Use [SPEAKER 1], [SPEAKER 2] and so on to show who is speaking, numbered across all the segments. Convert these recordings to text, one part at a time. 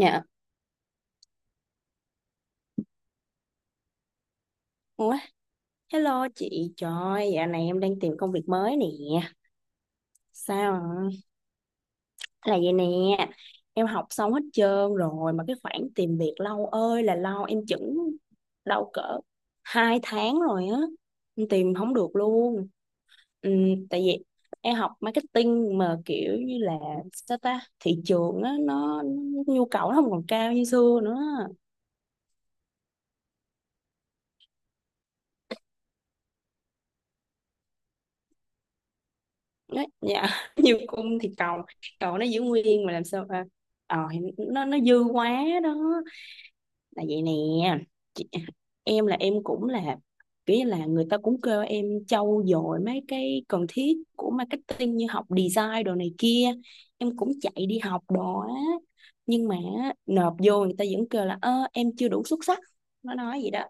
[SPEAKER 1] Dạ. Ủa, hello chị. Trời, dạo này em đang tìm công việc mới nè. Sao? Là vậy nè. Em học xong hết trơn rồi mà cái khoảng tìm việc lâu ơi là lâu, em chững đâu cỡ 2 tháng rồi á. Em tìm không được luôn. Ừ, tại vì em học marketing mà kiểu như là sao ta? Thị trường á nó nhu cầu nó không còn cao như xưa nữa. Đấy, dạ nhiều cung thì cầu cầu nó giữ nguyên mà làm sao à, ờ, thì nó dư quá, đó là vậy nè chị. Em là em cũng là kiểu như là người ta cũng kêu em trau dồi mấy cái cần thiết của marketing như học design đồ này kia, em cũng chạy đi học đồ á, nhưng mà nộp vô người ta vẫn kêu là ơ em chưa đủ xuất sắc, nó nói vậy đó.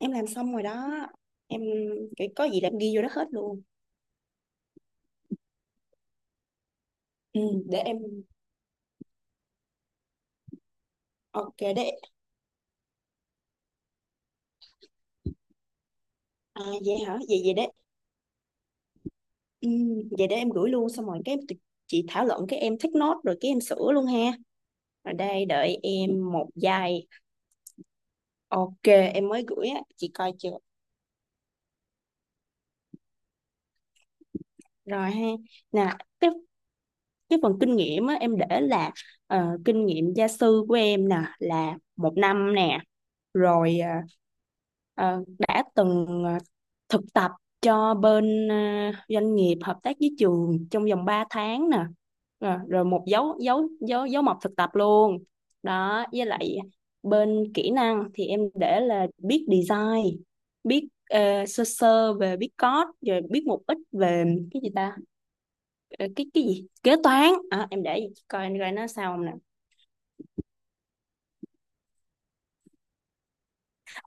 [SPEAKER 1] Em làm xong rồi đó. Em cái có gì là em ghi vô đó hết luôn. Ừ, để em. Ok, để. À, vậy hả? Vậy vậy đấy. Vậy để em gửi luôn xong rồi cái tụi chị thảo luận cái em thích nốt rồi cái em sửa luôn ha. Rồi, đây đợi em một giây. Ok, em mới gửi á, chị coi chưa? Rồi ha. Nè, cái cái phần kinh nghiệm á em để là kinh nghiệm gia sư của em nè là một năm nè. Rồi đã từng thực tập cho bên doanh nghiệp hợp tác với trường trong vòng ba tháng nè. Rồi một dấu dấu dấu dấu mộc thực tập luôn đó. Với lại bên kỹ năng thì em để là biết design, biết sơ sơ về biết code, rồi biết một ít về cái gì ta. Ờ, cái gì kế toán à, em để coi anh coi nó sao không nè.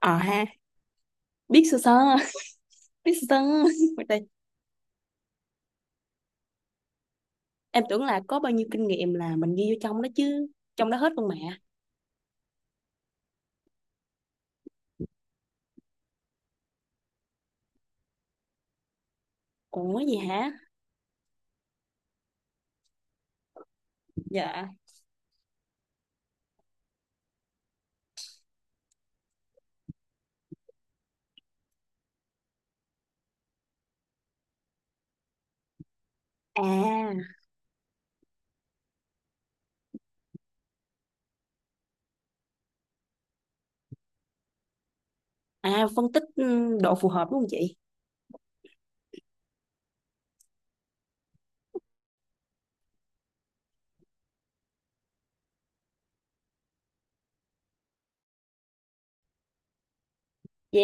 [SPEAKER 1] Ờ ha, biết sơ sơ biết sơ sơ Em tưởng là có bao nhiêu kinh nghiệm là mình ghi vô trong đó chứ. Trong đó hết không mẹ? Ủa gì hả? Dạ. À, à phân tích, ừ, độ phù hợp đúng không chị? Dạ,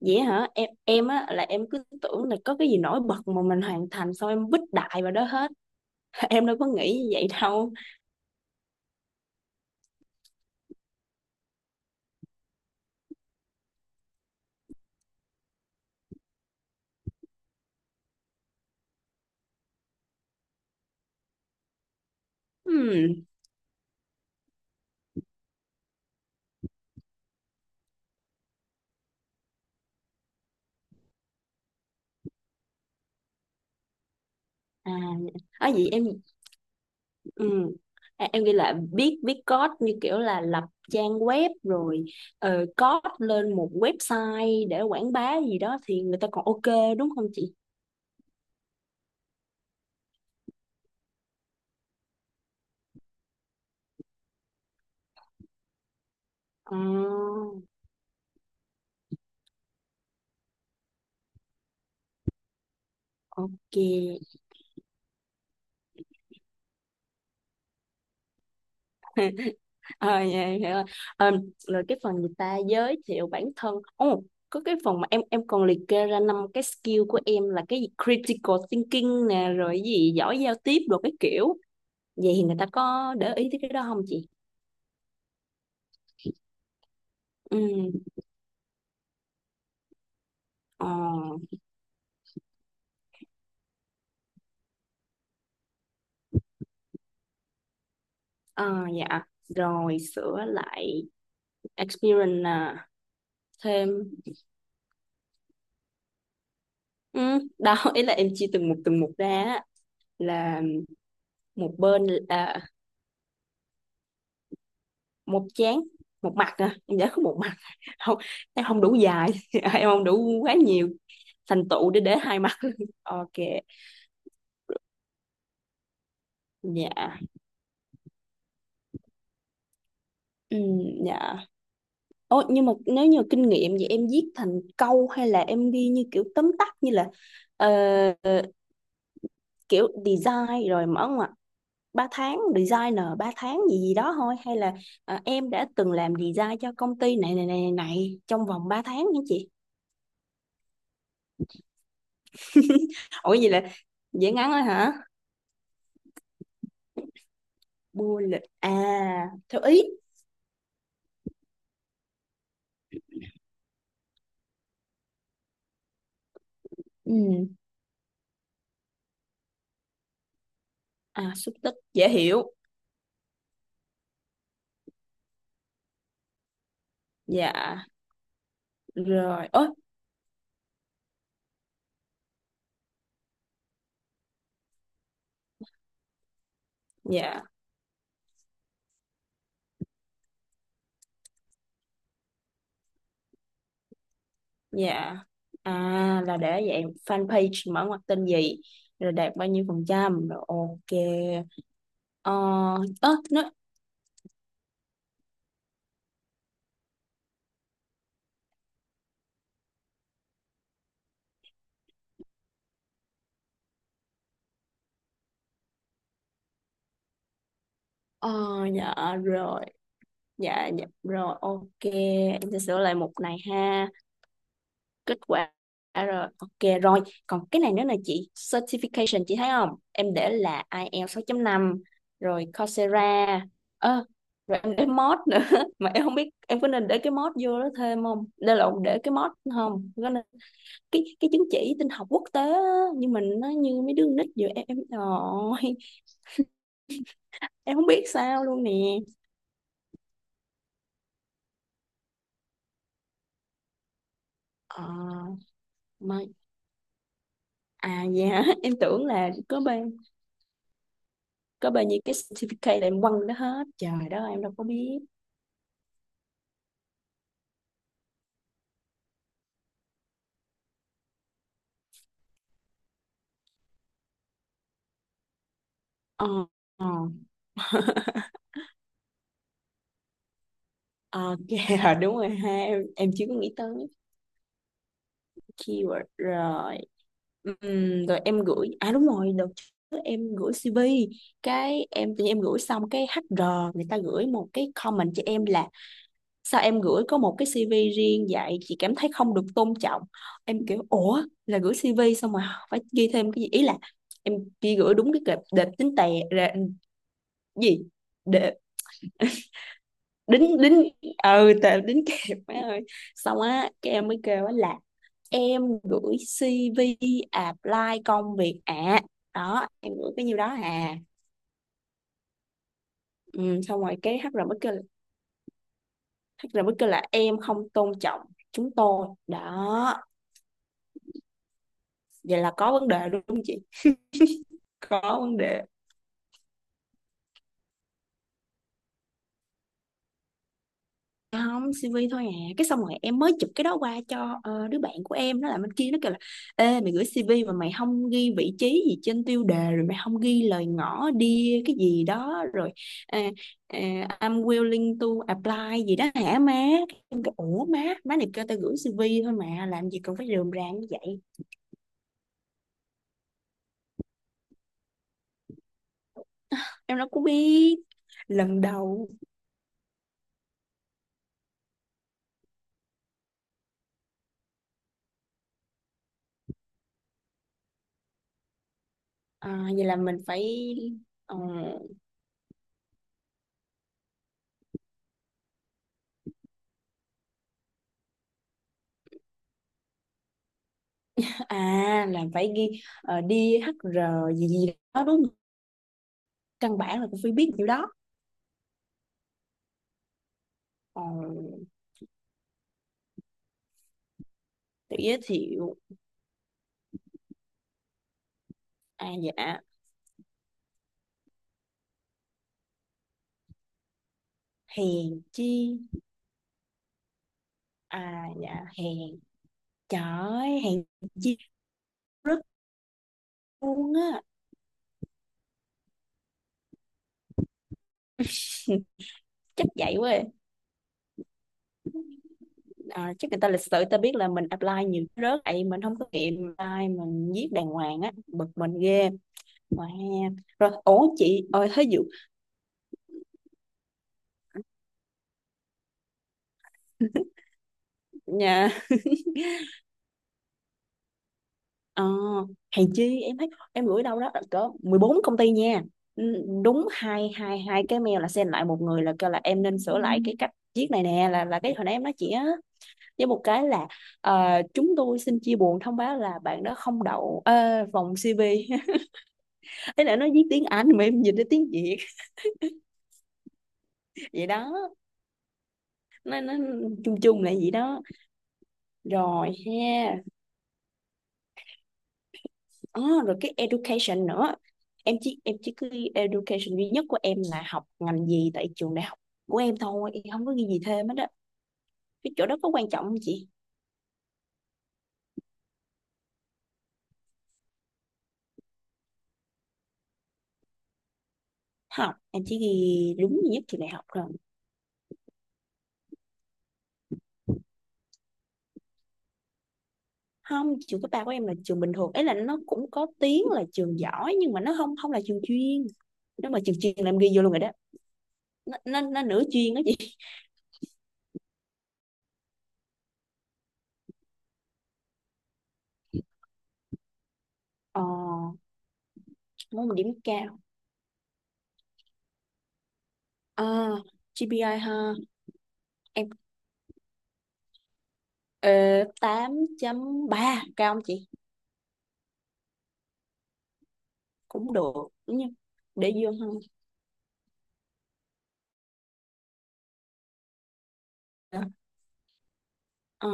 [SPEAKER 1] vậy hả? Em á là em cứ tưởng là có cái gì nổi bật mà mình hoàn thành xong em vứt đại vào đó hết. Em đâu có nghĩ như vậy đâu. Ừm. À, à vậy em ừm. À, em ghi là viết viết code như kiểu là lập trang web rồi code lên một website để quảng bá gì đó thì người ta còn ok đúng không chị? À, ok. Ờ, dạ, em hiểu rồi. Ờ, rồi cái phần người ta giới thiệu bản thân. Ồ, có cái phần mà em còn liệt kê ra năm cái skill của em là cái gì critical thinking nè, rồi cái gì giỏi giao tiếp rồi cái kiểu. Vậy thì người ta có để ý tới cái đó không chị? Ừ. Ờ, ờ, dạ. Rồi sửa lại experience à. Thêm. Ừ, đó ý là em chia từng mục ra á. Là một bên à, một chán, một mặt à, em giải có một mặt không, em không đủ dài em không đủ quá nhiều thành tựu để hai mặt ok. Dạ. Ừ, dạ. Ồ, nhưng mà nếu như kinh nghiệm vậy em viết thành câu hay là em ghi như kiểu tóm tắt như là ờ, kiểu design rồi mở ngoặc ba tháng designer ba tháng gì gì đó thôi, hay là em đã từng làm design cho công ty này này này này này trong vòng 3 tháng hả chị? Ủa vậy là dễ ngắn thôi hả? Bô lịch à? Theo ý. Ừ. À xúc tích dễ hiểu. Dạ rồi ớ. Dạ. Dạ. À là để dạng fanpage mở ngoặc tên gì rồi đạt bao nhiêu phần trăm rồi ok. Ờ. Ớ nó. Ờ. Dạ. Rồi, dạ dạ rồi ok, em sẽ sửa lại mục này ha. Kết quả. Rồi ok rồi. Còn cái này nữa là chị, certification chị thấy không, em để là ai eo 6.5, rồi Coursera. Ơ, rồi em để mod nữa mà em không biết em có nên để cái mod vô đó thêm không, đây là để cái mod không có nên. Cái chứng chỉ tin học quốc tế á, nhưng mình nó như mấy đứa nít vừa em rồi. Em không biết sao luôn nè. Ờ, mà à dạ em tưởng là có bao nhiêu cái certificate là em quăng đó hết trời đó em đâu có biết. Ờ, ờ. Ờ, kìa, đúng rồi ha, em chưa có nghĩ tới keyword rồi. Rồi em gửi, à đúng rồi, đợt trước em gửi CV cái em tự nhiên em gửi xong cái HR người ta gửi một cái comment cho em là sao em gửi có một cái CV riêng vậy chị cảm thấy không được tôn trọng. Em kiểu ủa là gửi CV xong mà phải ghi thêm cái gì, ý là em chỉ gửi đúng cái kệp đẹp tính tè ra gì để đính đính, ừ tao đính kẹp, má ơi. Xong á cái em mới kêu á là em gửi CV apply công việc ạ, đó em gửi cái nhiêu đó à. Ừ, xong rồi cái HR mới kêu, HR mới kêu là em không tôn trọng chúng tôi đó. Vậy là có vấn đề đúng không chị? Có vấn đề. Dạ không, CV thôi à, cái xong rồi em mới chụp cái đó qua cho đứa bạn của em, nó làm bên kia nó kêu là ê mày gửi CV mà mày không ghi vị trí gì trên tiêu đề rồi mày không ghi lời ngỏ đi cái gì đó rồi à, à, I'm willing to apply gì đó hả má. Em kêu ủa má, má này kêu tao gửi CV thôi mà làm gì cần phải rườm rà như vậy, em đâu có biết lần đầu. À, vậy là mình phải ờ, à là phải ghi đi HR gì gì đó đúng không, căn bản là cũng phải biết điều đó. Ờ, tự giới thiệu. À dạ, hèn chi. À dạ, hèn, trời ơi, hèn chi rớt luôn á. Chắc vậy quá à. À, chắc người ta lịch sự người ta biết là mình apply nhiều cái rớt vậy mình không có nghiệm apply mình viết đàng hoàng á, bực mình ghê mà. Rồi ủa chị ơi thấy dụ nhà. Ờ, hèn chi em thấy em gửi đâu đó cỡ 14 công ty nha. Ừ, đúng hai hai hai cái mail là send lại một người là kêu là em nên sửa lại cái cách viết này nè, là cái hồi nãy em nói chị á, với một cái là ờ, chúng tôi xin chia buồn thông báo là bạn đó không đậu vòng CV. Thế là nó viết tiếng Anh mà em dịch ra tiếng Việt vậy đó. Nó chung chung là vậy đó. Rồi ha. À, rồi cái education nữa, em chỉ cứ education duy nhất của em là học ngành gì tại trường đại học của em thôi, em không có ghi gì thêm hết đó. Cái chỗ đó có quan trọng không chị? Học em chỉ ghi đúng duy nhất trường đại học rồi. Không, trường cấp ba của em là trường bình thường ấy, là nó cũng có tiếng là trường giỏi nhưng mà nó không không là trường chuyên, nếu mà trường chuyên là em ghi vô luôn rồi đó. Nó nửa chuyên đó chị. Ờ, muốn một điểm cao. À GPI ha. Em ờ, 8.3 cao không chị? Cũng được đúng không? Để vô hơn. Ờ,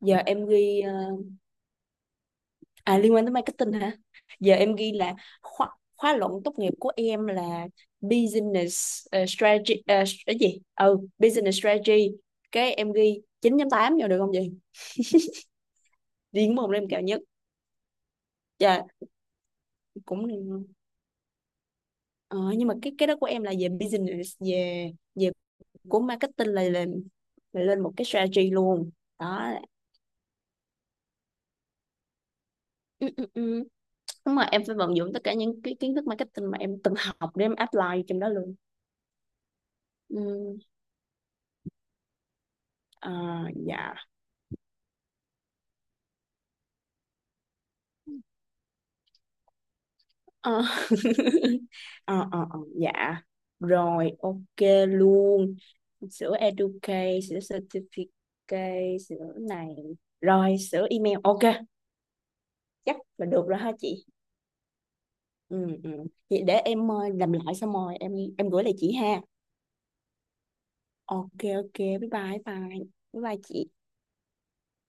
[SPEAKER 1] giờ em ghi ờ, à liên quan tới marketing hả, giờ em ghi là khóa khóa luận tốt nghiệp của em là business strategy, ờ, cái gì ừ business strategy, cái em ghi 9 tám vô được không vậy, riêng môn đó em cao nhất. Dạ cũng, ờ, nhưng mà cái đó của em là về business, về về của marketing là lên, là lên một cái strategy luôn đó. Ừ, ừ, ừ. Đúng rồi, em phải vận dụng tất cả những cái kiến thức marketing mà em từng học để em apply trong đó luôn. Ừm, à, dạ. Ờ, ờ, dạ. Rồi, ok luôn. Sữa Educate, sữa Certificate, sữa này. Rồi, sữa email. Ok, chắc là được rồi ha chị. Ừ, ừ. Vậy để em làm lại xong rồi em gửi lại chị ha. Ok, ok. Bye bye, bye. Bye bye chị.